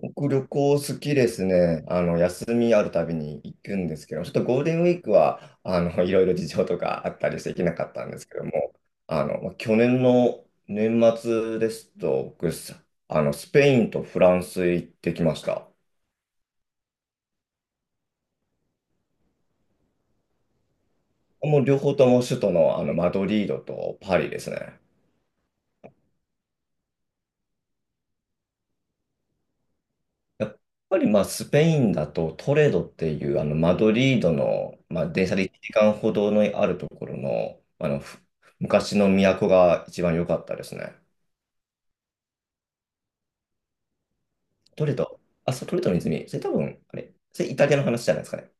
僕、旅行好きですね。休みあるたびに行くんですけど、ちょっとゴールデンウィークは、いろいろ事情とかあったりして行けなかったんですけども、まあ去年の年末ですと、僕、スペインとフランス行ってきました。もう両方とも首都の、マドリードとパリですね。やっぱりまあスペインだとトレドっていうマドリードの、まあ、電車で1時間ほどのあるところの、あのふ昔の都が一番良かったですね。トレド、あ、そう、トレドの泉、それ多分、あれ、それイタリアの話じゃないですかね。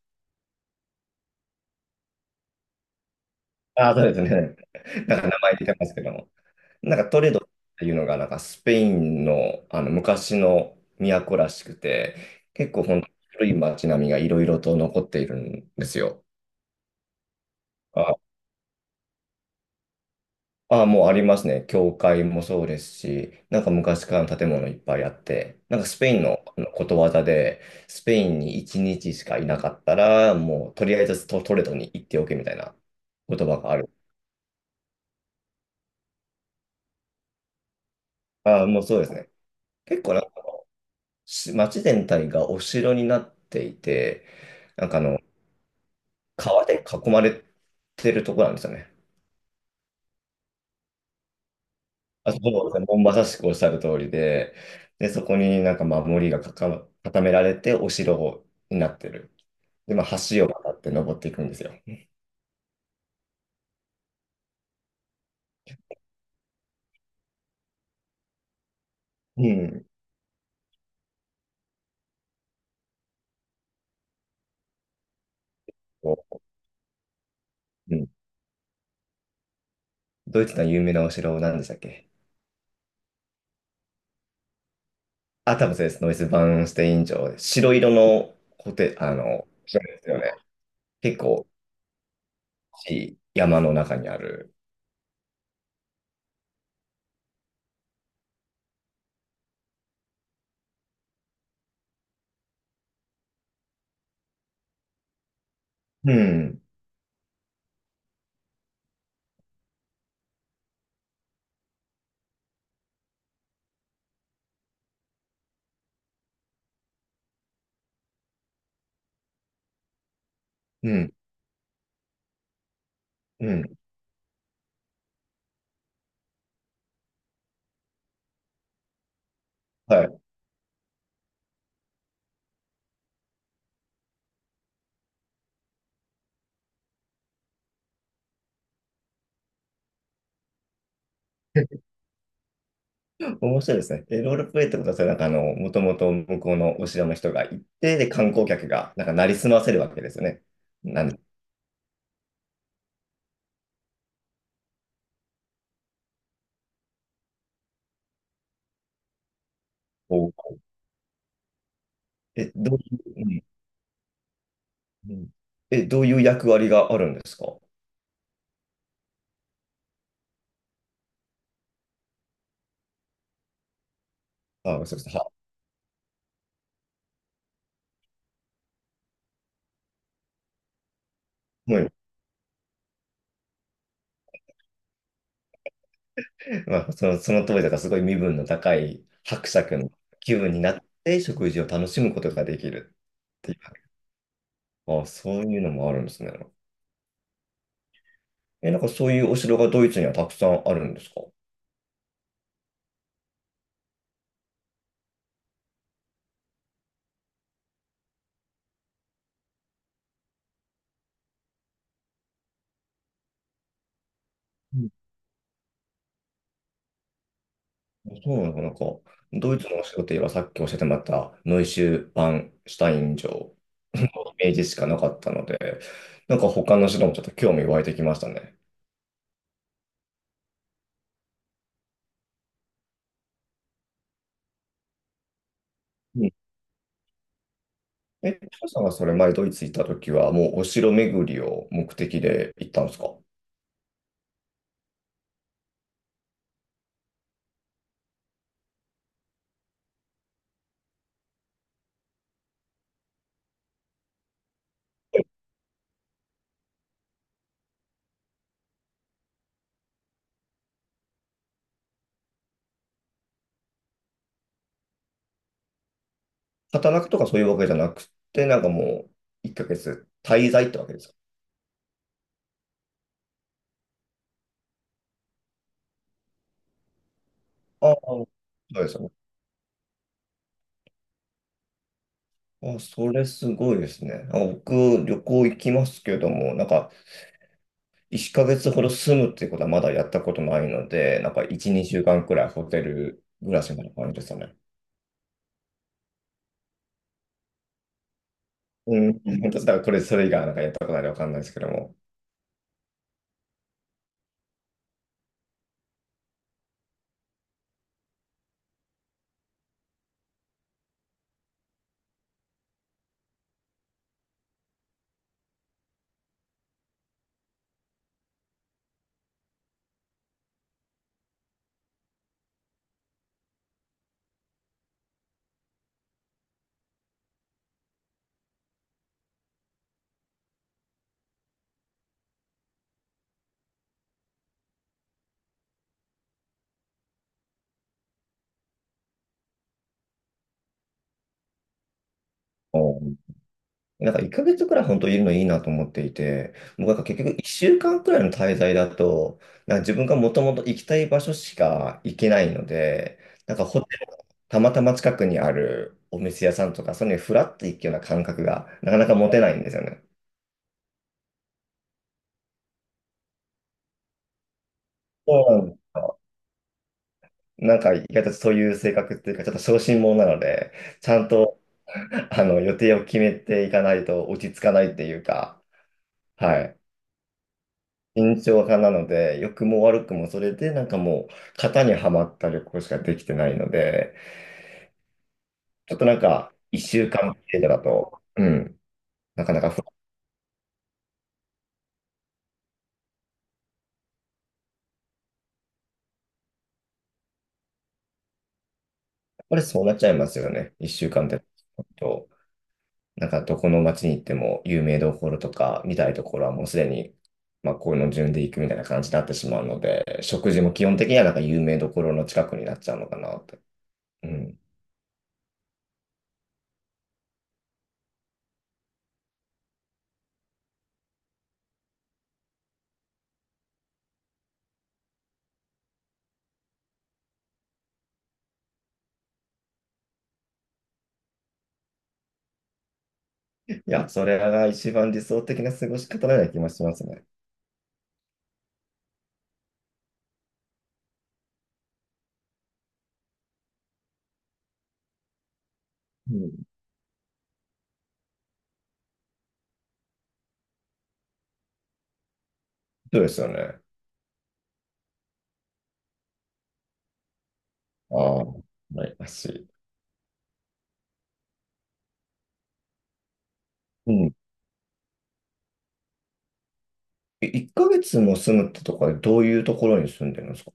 ああ、そうですね。なんか名前出てますけども。なんかトレドっていうのがなんかスペインの、昔の都らしくて、結構本当に古い街並みがいろいろと残っているんですよ。ああ、もうありますね。教会もそうですし、なんか昔からの建物いっぱいあって、なんかスペインのことわざで、スペインに1日しかいなかったら、もうとりあえずトレドに行っておけみたいな言葉がある。ああ、もうそうですね。結構なんか街全体がお城になっていて、なんかあの、川で囲まれてるところなんですよね。あ、そうですね。もうまさしくおっしゃる通りで、で、そこになんか守りが固められてお城になってる。で、まあ、橋を渡って登っていくんですよ。うん。こう、うん。ドイツの有名なお城、なんでしたっけ？あ、多分そうです。ノイスバーンシュテイン城、白色のコテ、あの、城ですよね。結構、いい山の中にある。うん。うん。うん。はい。面白いですね。で、ロールプレイってことは、それもともと向こうのお城の人が行って、で、観光客が、なんか、なりすませるわけですよね。なんで、こう、え、どういう、うんうん、え、どういう役割があるんですか？あ、そうです。もうまあ、その当時だからすごい身分の高い伯爵の気分になって食事を楽しむことができるっていう。あ、そういうのもあるんですね。え、なんかそういうお城がドイツにはたくさんあるんですか？うん。そうなのか、なんか、ドイツのお城といえばさっき教えてもらったノイシュバンシュタイン城、イメージしかなかったので、なんか他の城もちょっと興味湧いてきましたね。うん。え、トシさんがそれ前ドイツ行った時はもうお城巡りを目的で行ったんですか？働くとかそういうわけじゃなくて、なんかもう、1ヶ月滞在ってわけですか。ああ、そうですよね。あ、それすごいですね。あ、僕、旅行行きますけども、なんか、1ヶ月ほど住むっていうことはまだやったことないので、なんか、1、2週間くらいホテル暮らしみたいな感じですよね。うん、本当だからこれ、それ以外はなんかやったことないのでわかんないですけども。なんか1ヶ月くらい本当いるのいいなと思っていて、もうなんか結局1週間くらいの滞在だと、なんか自分がもともと行きたい場所しか行けないので、なんかホテルたまたま近くにあるお店屋さんとか、そういうのにフラッと行くような感覚がなかなか持てないんですよね。そうなんです。なんか意外とそういう性格っていうか、ちょっと小心者なので、ちゃんと 予定を決めていかないと落ち着かないっていうか、はい。慎重派なので、良くも悪くもそれでなんかもう型にはまった旅行しかできてないので、ちょっとなんか一週間程度だと、うん、なかなか不安、やっぱりそうなっちゃいますよね。一週間ってと、なんかどこの街に行っても有名どころとか見たいところはもうすでに、まあこういうの順で行くみたいな感じになってしまうので、食事も基本的にはなんか有名どころの近くになっちゃうのかなと。うん。いや、それが一番理想的な過ごし方なような気もしますね。うん。そうですよね。ああ、羨ましい。うん。え、1ヶ月も住むってとかでどういうところに住んでるんですか？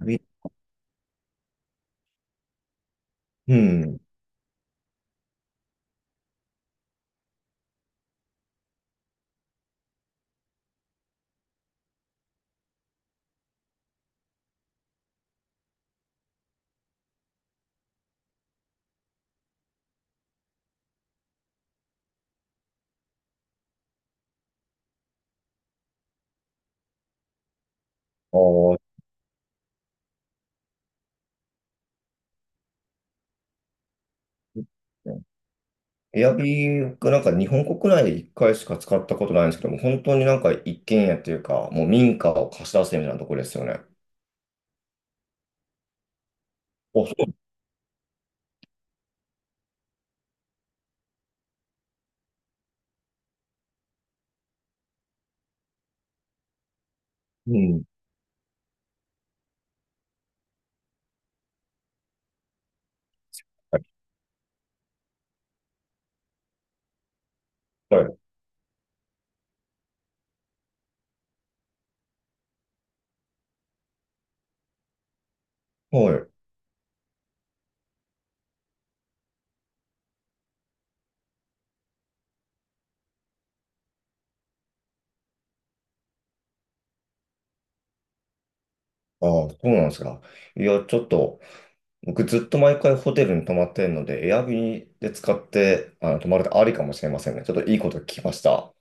び、うん。ああ。エアビーがなんか日本国内で1回しか使ったことないんですけども、本当になんか一軒家っていうか、もう民家を貸し出すみたいなところですよね。あ、そう。うん。はい。はい。ああ、そうなんですか。いや、ちょっと、僕ずっと毎回ホテルに泊まってるので、エアビーで使って、あの、泊まるってありかもしれませんね。ちょっといいこと聞きました。